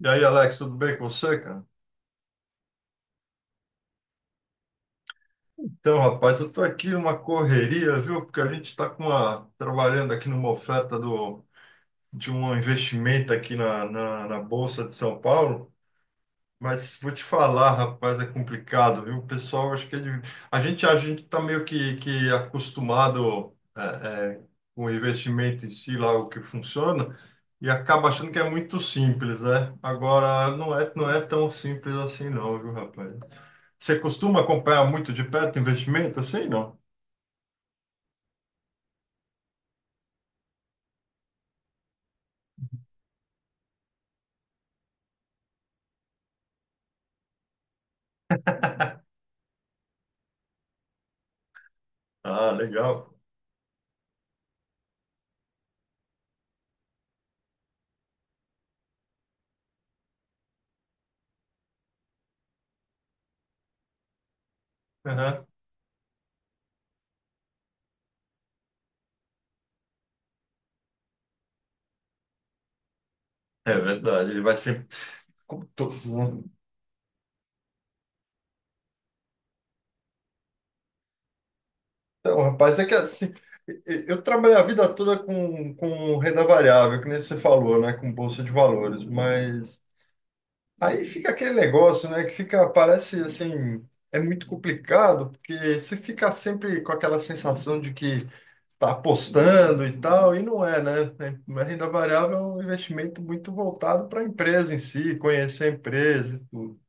E aí, Alex, tudo bem com você, cara? Então, rapaz, eu estou aqui numa correria, viu? Porque a gente está com uma, trabalhando aqui numa oferta do, de um investimento aqui na, na Bolsa de São Paulo. Mas vou te falar, rapaz, é complicado, viu? O pessoal, acho que é de- a gente está meio que acostumado é, com o investimento em si, lá o que funciona, e acaba achando que é muito simples, né? Agora, não é tão simples assim, não, viu, rapaz? Você costuma acompanhar muito de perto investimento assim, não? Ah, legal. Aham. É verdade, ele vai sempre. Como todo né? Então, rapaz, é que assim, eu trabalhei a vida toda com renda variável, que nem você falou, né? Com bolsa de valores, mas aí fica aquele negócio, né? Que fica, parece assim, é muito complicado, porque você fica sempre com aquela sensação de que tá apostando e tal, e não é, né? A renda variável é um investimento muito voltado para a empresa em si, conhecer a empresa e tudo.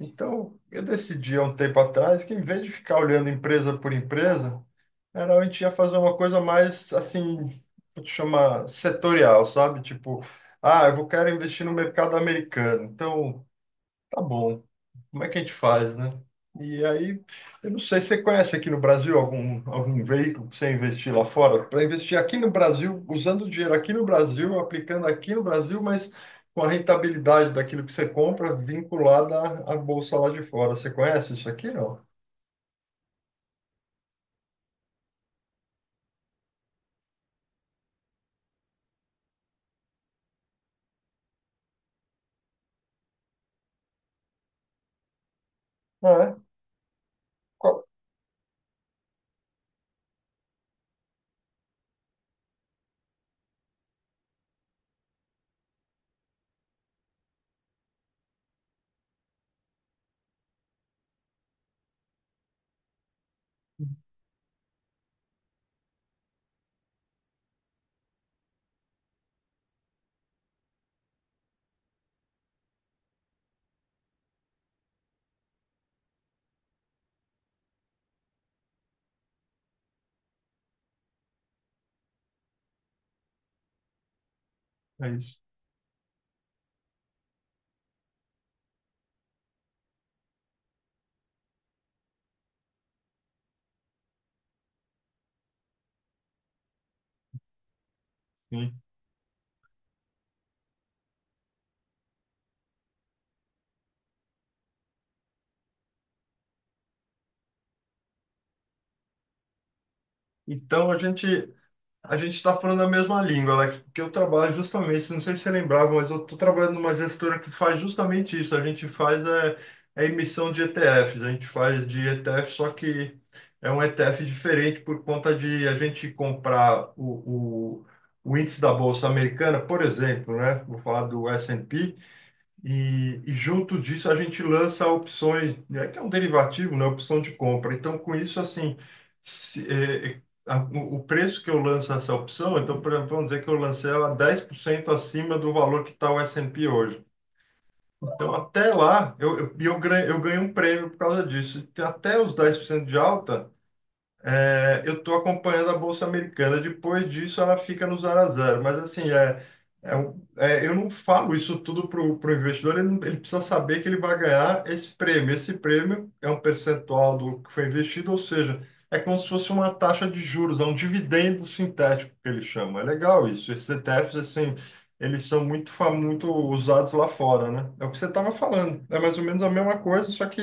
Então, eu decidi há um tempo atrás que, em vez de ficar olhando empresa por empresa, era a gente ia fazer uma coisa mais, assim, vou te chamar setorial, sabe? Tipo, ah, eu vou quero investir no mercado americano. Então, tá bom. Como é que a gente faz, né? E aí, eu não sei, você conhece aqui no Brasil algum veículo para você investir lá fora? Para investir aqui no Brasil, usando o dinheiro aqui no Brasil, aplicando aqui no Brasil, mas com a rentabilidade daquilo que você compra vinculada à bolsa lá de fora. Você conhece isso aqui, não? Não é? Qual- É isso. Sim. Então, a gente está falando a mesma língua, Alex, porque eu trabalho justamente, não sei se você lembrava, mas eu estou trabalhando numa gestora que faz justamente isso. A gente faz é, a emissão de ETFs, a gente faz de ETF, só que é um ETF diferente por conta de a gente comprar o índice da Bolsa Americana, por exemplo, né? Vou falar do S&P, e junto disso a gente lança opções, né, que é um derivativo, né, opção de compra. Então, com isso, assim, se- a- o preço que eu lanço essa opção, então, por exemplo, vamos dizer que eu lancei ela 10% acima do valor que está o S&P hoje. Então, até lá, eu ganho um prêmio por causa disso. Então, até os 10% de alta, eu estou acompanhando a Bolsa Americana. Depois disso, ela fica no zero a zero. Mas, assim, eu não falo isso tudo para o investidor. Ele, não- ele precisa saber que ele vai ganhar esse prêmio. Esse prêmio é um percentual do que foi investido, ou seja, é como se fosse uma taxa de juros, é um dividendo sintético que ele chama. É legal isso. Esses ETFs, assim, eles são muito usados lá fora, né? É o que você estava falando. É mais ou menos a mesma coisa, só que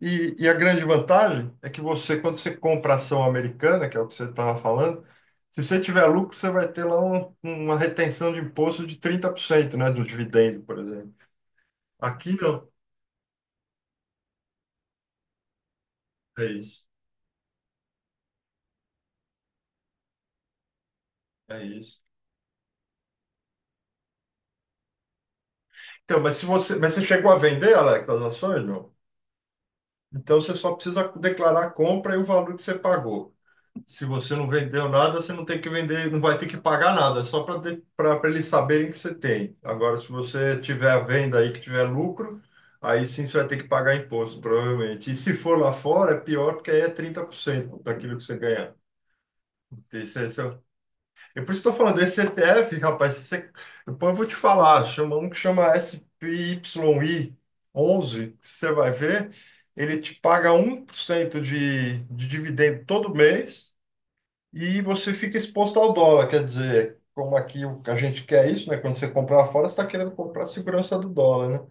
e a grande vantagem é que você, quando você compra ação americana, que é o que você estava falando, se você tiver lucro, você vai ter lá uma retenção de imposto de 30% né, do dividendo, por exemplo. Aqui não. É isso. É isso. Então, mas se você, mas você chegou a vender, Alex, as ações, não? Então você só precisa declarar a compra e o valor que você pagou. Se você não vendeu nada, você não tem que vender, não vai ter que pagar nada, é só para eles saberem que você tem. Agora, se você tiver a venda aí que tiver lucro, aí sim você vai ter que pagar imposto, provavelmente. E se for lá fora, é pior, porque aí é 30% daquilo que você ganhar. Esse é, o- é por isso estou falando, esse ETF, rapaz, você- depois eu vou te falar, chama um que chama SPYI 11, que você vai ver, ele te paga 1% de dividendo todo mês e você fica exposto ao dólar, quer dizer, como aqui o- a gente quer isso, né? Quando você comprar fora, você está querendo comprar a segurança do dólar, né?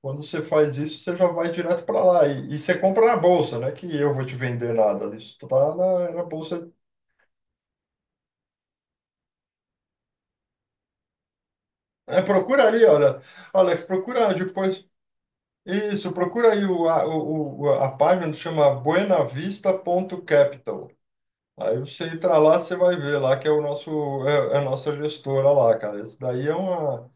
Quando você faz isso, você já vai direto para lá e você compra na bolsa, né? Que eu vou te vender nada, isso tá na bolsa. É, procura ali, olha, Alex, procura depois. Isso, procura aí o, a, o, o- a página que chama buenavista.capital. Aí você entra lá, você vai ver lá que é a nossa gestora lá, cara. Isso daí é uma.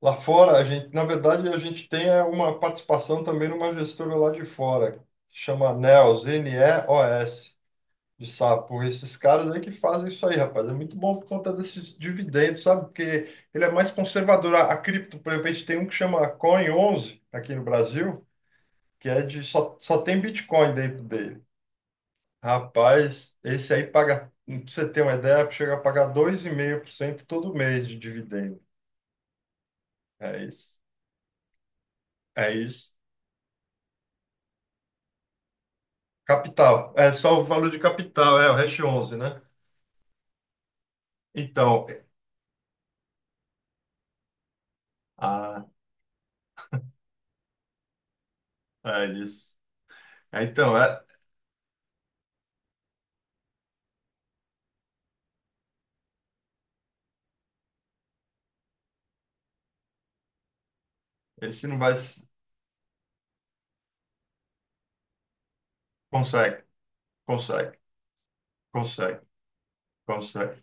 Lá fora, a gente, na verdade, a gente tem uma participação também numa gestora lá de fora, que chama NEOS, NEOS, de sapo. Esses caras aí que fazem isso aí, rapaz. É muito bom por conta desses dividendos, sabe? Porque ele é mais conservador. A cripto, por exemplo, a gente tem um que chama Coin 11 aqui no Brasil, que é de só tem Bitcoin dentro dele. Rapaz, esse aí paga, pra você ter uma ideia, chega a pagar 2,5% todo mês de dividendo. É isso. É isso. Capital. É só o valor de capital, é o hash 11, né? Então, ah, é isso. É, então, esse não vai. S- Consegue, consegue, consegue, consegue.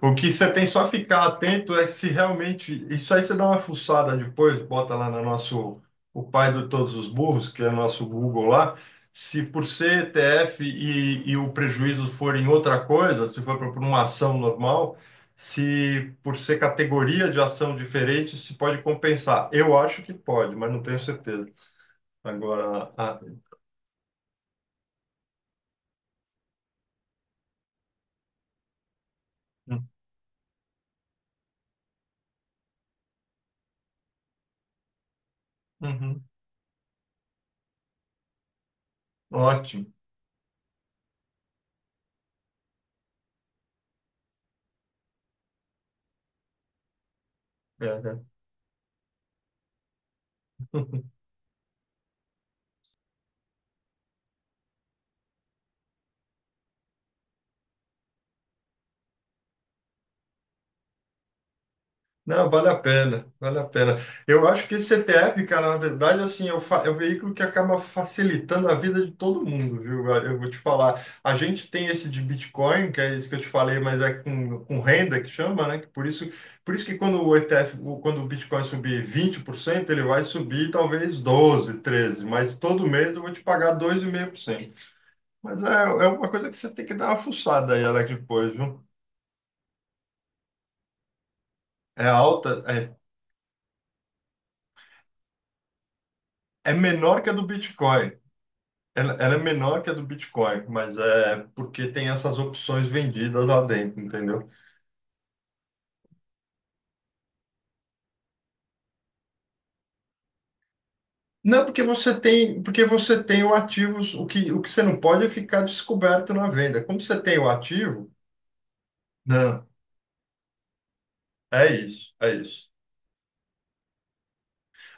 O que você tem só ficar atento é se realmente. Isso aí você dá uma fuçada depois, bota lá no nosso. O pai de todos os burros, que é o nosso Google lá. Se por ser ETF e o prejuízo for em outra coisa, se for por uma ação normal, se por ser categoria de ação diferente, se pode compensar. Eu acho que pode, mas não tenho certeza. Agora. A- Uhum. Ótimo. É, né? Não, vale a pena, vale a pena. Eu acho que esse CTF, cara, na verdade, assim, é o veículo que acaba facilitando a vida de todo mundo, viu? Eu vou te falar. A gente tem esse de Bitcoin, que é isso que eu te falei, mas é com renda que chama, né? Que por isso que quando o ETF, o- quando o Bitcoin subir 20% ele vai subir talvez 12 13 mas todo mês eu vou te pagar 2,5%. Mas é uma coisa que você tem que dar uma fuçada aí, Alex, depois, viu? É alta, é menor que a do Bitcoin. Ela é menor que a do Bitcoin, mas é porque tem essas opções vendidas lá dentro, entendeu? Não, porque você tem o ativo, o que você não pode é ficar descoberto na venda. Como você tem o ativo, não, é isso, é isso.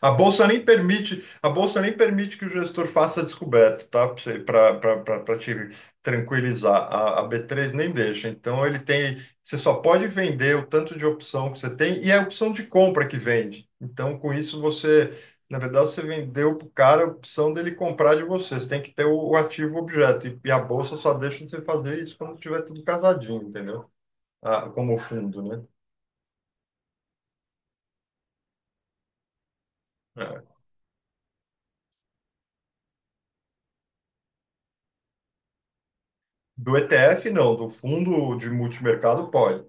A bolsa nem permite, a bolsa nem permite que o gestor faça descoberto, tá? Para te tranquilizar, a B3 nem deixa. Então ele tem, você só pode vender o tanto de opção que você tem e é a opção de compra que vende. Então com isso você, na verdade, você vendeu para o cara a opção dele comprar de você. Você tem que ter o ativo objeto e a bolsa só deixa você fazer isso quando tiver tudo casadinho, entendeu? Ah, como fundo, né? É. Do ETF não, do fundo de multimercado pode.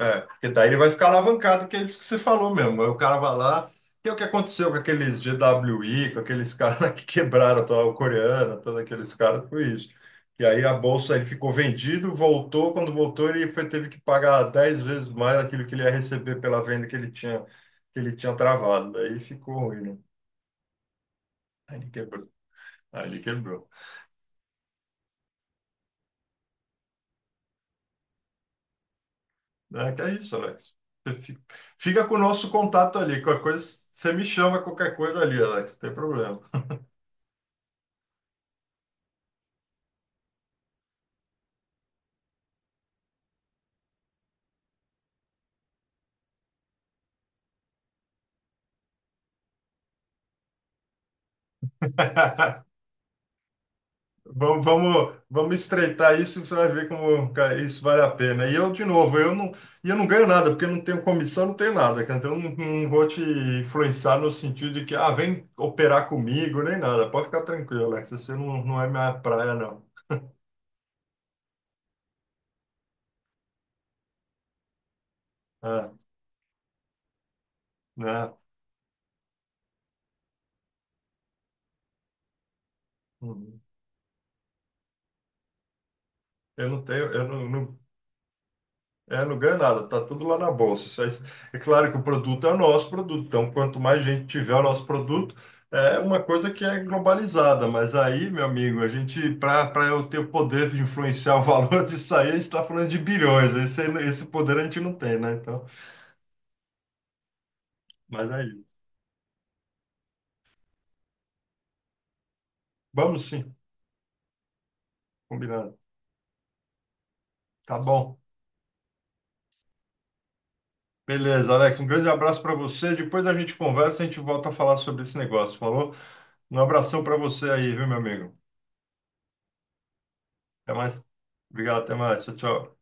É, porque daí ele vai ficar alavancado, que é isso que você falou mesmo. Aí o cara vai lá, que é o que aconteceu com aqueles GWI, com aqueles caras lá que quebraram toda a coreana, todos aqueles caras, foi isso. E aí a bolsa ele ficou vendido, voltou, quando voltou ele foi, teve que pagar 10 vezes mais aquilo que ele ia receber pela venda que ele tinha, travado. Daí ficou ruim, né? Aí ele quebrou. Aí ele quebrou. É, que é isso, Alex. Você fi- Fica com o nosso contato ali, qualquer coisa, você me chama qualquer coisa ali, Alex, não tem problema. Vamos, vamos, vamos estreitar isso, você vai ver como cara, isso vale a pena. E eu, de novo, eu não ganho nada, porque eu não tenho comissão, não tenho nada, cara. Então, eu não vou te influenciar no sentido de que, ah, vem operar comigo, nem nada. Pode ficar tranquilo, Alex, você não é minha praia, não. Ah, né? Uhum. Eu não tenho, eu não, não- É, não ganha nada, tá tudo lá na bolsa. Isso é claro que o produto é o nosso produto, então quanto mais gente tiver o nosso produto, é uma coisa que é globalizada, mas aí, meu amigo, a gente, para eu ter o poder de influenciar o valor disso aí, a gente está falando de bilhões, esse poder a gente não tem, né? Então, mas aí, vamos sim, combinado. Tá bom. Beleza, Alex, um grande abraço para você. Depois a gente conversa, a gente volta a falar sobre esse negócio, falou? Um abração para você aí, viu, meu amigo? Até mais. Obrigado, até mais. Tchau, tchau.